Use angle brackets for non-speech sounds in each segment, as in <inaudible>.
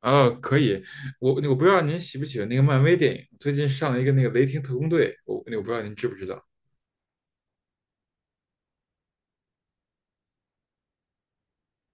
哦，可以，我不知道您喜不喜欢那个漫威电影，最近上了一个那个《雷霆特工队》，我不知道您知不知道？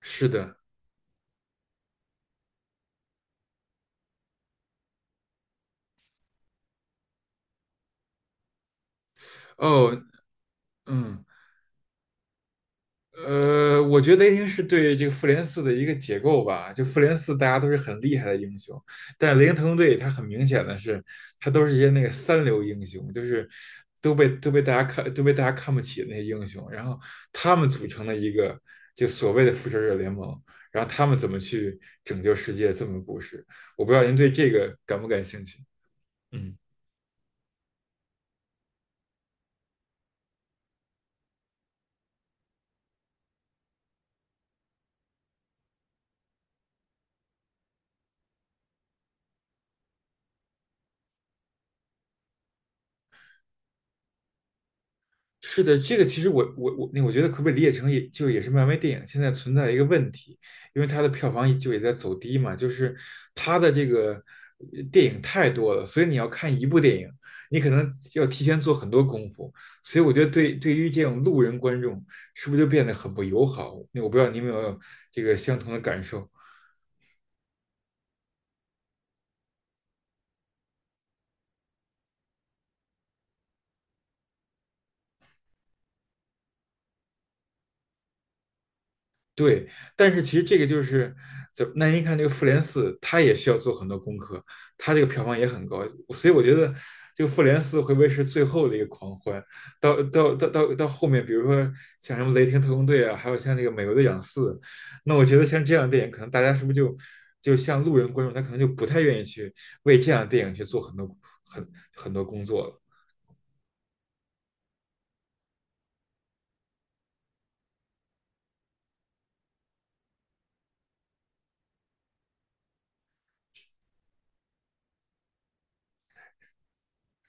是的，哦，嗯，我觉得雷霆是对这个复联四的一个解构吧。就复联四，大家都是很厉害的英雄，但是雷霆特工队它很明显的是，他都是一些那个三流英雄，就是都被大家看不起的那些英雄。然后他们组成了一个就所谓的复仇者联盟，然后他们怎么去拯救世界这么个故事。我不知道您对这个感不感兴趣？嗯。是的，这个其实我我我，那我觉得可不可以理解成也是漫威电影现在存在一个问题，因为它的票房就也在走低嘛，就是它的这个电影太多了，所以你要看一部电影，你可能要提前做很多功夫，所以我觉得对于这种路人观众，是不是就变得很不友好？那我不知道你有没有这个相同的感受。对，但是其实这个就是那您看这个《复联四》，它也需要做很多功课，它这个票房也很高，所以我觉得这个《复联四》会不会是最后的一个狂欢？到后面，比如说像什么《雷霆特工队》啊，还有像那个《美国队长四》，那我觉得像这样的电影，可能大家是不是就像路人观众，他可能就不太愿意去为这样的电影去做很很多工作了。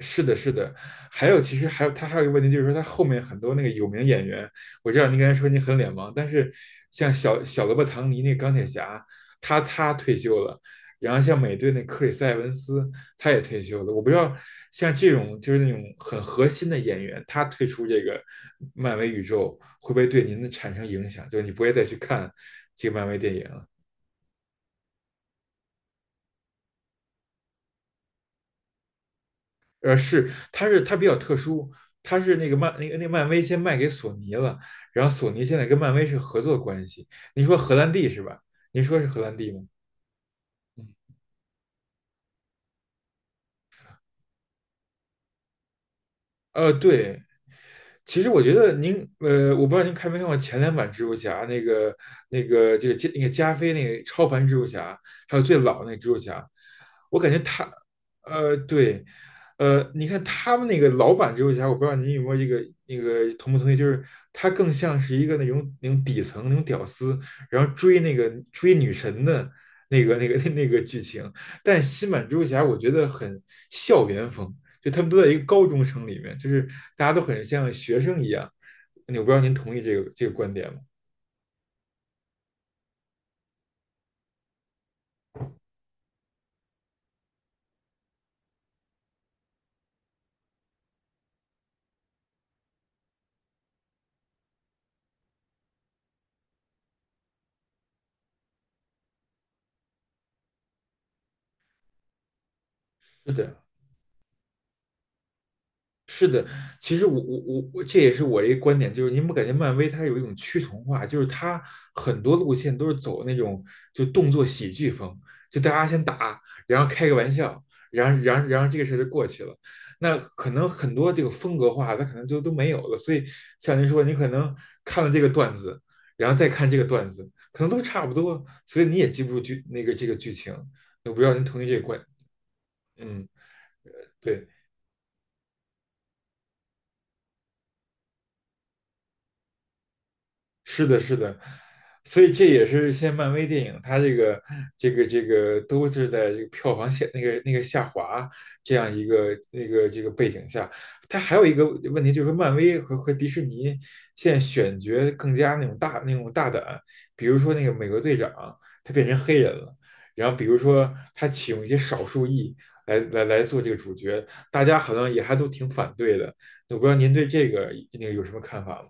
是的，是的，还有其实还有他还有一个问题，就是说他后面很多那个有名演员，我知道您刚才说您很脸盲，但是像小罗伯·唐尼那个钢铁侠，他退休了，然后像美队那克里斯·埃文斯他也退休了，我不知道像这种就是那种很核心的演员，他退出这个漫威宇宙会不会对您的产生影响？就是你不会再去看这个漫威电影了。是，它比较特殊，它是那个漫那个那个漫威先卖给索尼了，然后索尼现在跟漫威是合作关系。您说荷兰弟是吧？您说是荷兰弟吗？嗯，对，其实我觉得您，我不知道您看没看过前两版蜘蛛侠，这个加那个加菲那个超凡蜘蛛侠，还有最老那个蜘蛛侠，我感觉他，对，你看他们那个老版蜘蛛侠，我不知道您有没有这个那个同不同意，就是他更像是一个那种底层那种屌丝，然后追那个追女神的那个 <laughs> 那个剧情，但新版蜘蛛侠我觉得很校园风，就他们都在一个高中生里面，就是大家都很像学生一样。我不知道您同意这个这个观点吗？是的，是的，其实我这也是我一个观点，就是您不感觉漫威它有一种趋同化，就是它很多路线都是走那种就动作喜剧风，就大家先打，然后开个玩笑，然后这个事儿就过去了。那可能很多这个风格化，它可能就都没有了。所以像您说，你可能看了这个段子，然后再看这个段子，可能都差不多，所以你也记不住剧那个这个剧情。我不知道您同意这个观，嗯，对。是的，是的，所以这也是现在漫威电影它这个都是在这个票房下那个那个下滑这样一个那个这个背景下，它还有一个问题就是说漫威和迪士尼现在选角更加那种大胆，比如说那个美国队长他变成黑人了，然后比如说他启用一些少数裔来做这个主角，大家好像也还都挺反对的，我不知道您对这个那个有什么看法吗？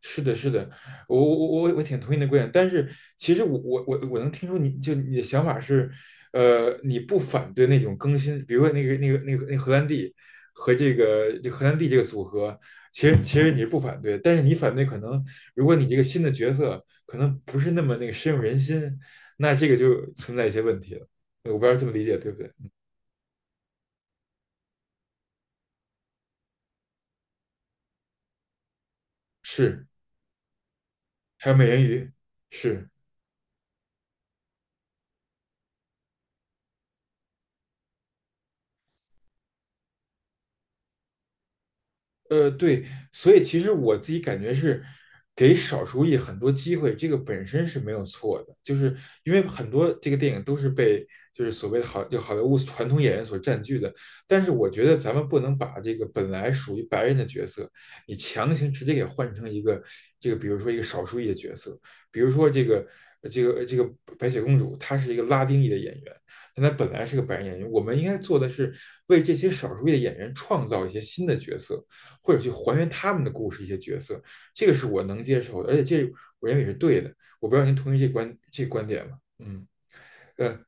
是的，是的，我挺同意你的观点，但是其实我能听出你的想法是，你不反对那种更新，比如说那个荷兰弟和这个荷兰弟这个组合，其实你是不反对，但是你反对可能如果你这个新的角色可能不是那么那个深入人心，那这个就存在一些问题了，我不知道这么理解对不对？是，还有美人鱼，是。对，所以其实我自己感觉是给少数裔很多机会，这个本身是没有错的，就是因为很多这个电影都是被就是所谓的好莱坞传统演员所占据的，但是我觉得咱们不能把这个本来属于白人的角色，你强行直接给换成一个这个，比如说一个少数裔的角色，比如说这个白雪公主，她是一个拉丁裔的演员，但她本来是个白人演员，我们应该做的是为这些少数裔的演员创造一些新的角色。或者去还原他们的故事一些角色，这个是我能接受的，而且这我认为是对的。我不知道您同意这观点吗？嗯，呃，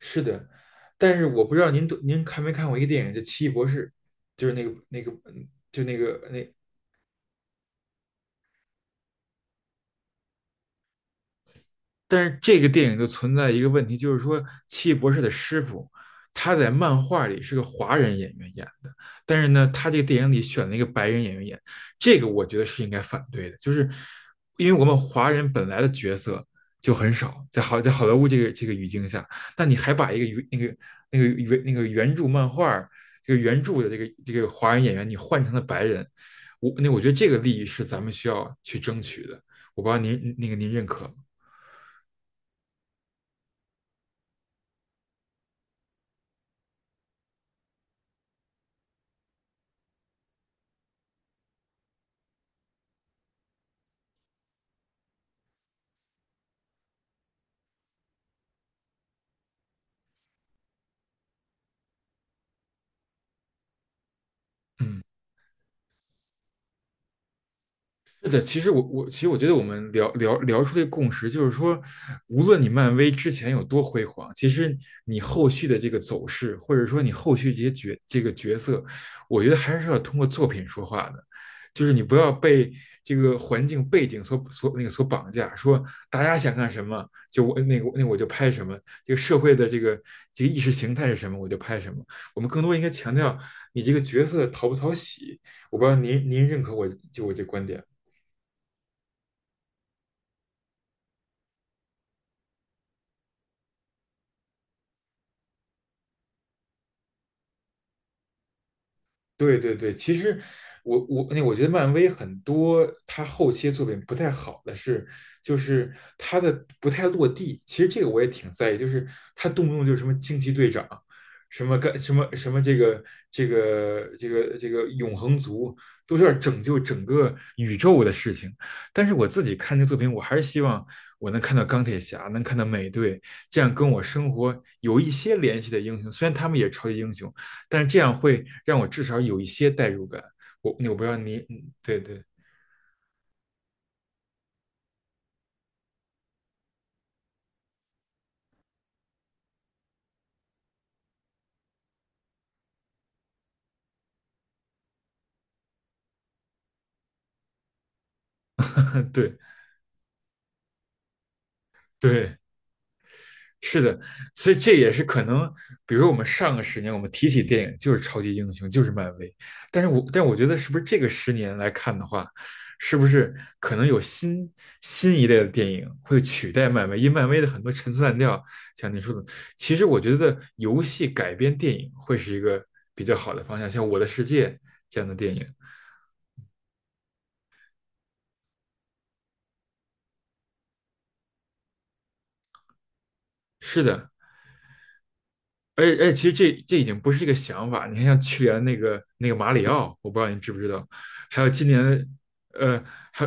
是的，但是我不知道您看没看过一个电影叫《奇异博士》，就是那个那个嗯就那个那但是这个电影就存在一个问题，就是说奇异博士的师傅他在漫画里是个华人演员演的，但是呢，他这个电影里选了一个白人演员演，这个我觉得是应该反对的，就是因为我们华人本来的角色就很少，在好莱坞这个语境下，那你还把一个原那个那个原那个原著漫画这个原著的这个华人演员你换成了白人，那我觉得这个利益是咱们需要去争取的，我不知道您那个您认可吗？嗯。是的，其实我觉得我们聊出这个共识，就是说，无论你漫威之前有多辉煌，其实你后续的这个走势，或者说你后续这些这个角色，我觉得还是要通过作品说话的，就是你不要被这个环境背景所所那个所绑架，说大家想干什么就我那个那我就拍什么，这个社会的这个这个意识形态是什么我就拍什么，我们更多应该强调你这个角色讨不讨喜，我不知道您认可我这观点。对对对，其实那我觉得漫威很多他后期的作品不太好的是，就是他的不太落地。其实这个我也挺在意，就是他动不动就是什么惊奇队长，什么干什么什么这个永恒族，都是要拯救整个宇宙的事情。但是我自己看这个作品，我还是希望我能看到钢铁侠，能看到美队，这样跟我生活有一些联系的英雄，虽然他们也是超级英雄。但是这样会让我至少有一些代入感。我不知道你，嗯对对 <laughs> 对对，是的，所以这也是可能，比如说我们上个十年，我们提起电影就是超级英雄，就是漫威，但是我觉得是不是这个十年来看的话，是不是可能有新一类的电影会取代漫威？因为漫威的很多陈词滥调，像你说的，其实我觉得游戏改编电影会是一个比较好的方向，像《我的世界》这样的电影。是的，而且，其实这已经不是一个想法。你看，像去年那个马里奥，我不知道你知不知道，还有今年，呃，还，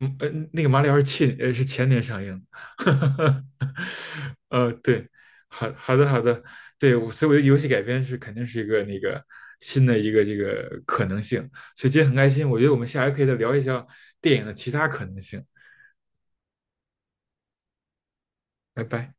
那个马里奥是是前年上映的，<laughs> 对，好好的好的，对，我所以我觉得游戏改编肯定是一个那个新的一个这个可能性。所以今天很开心，我觉得我们下回可以再聊一下电影的其他可能性。拜拜。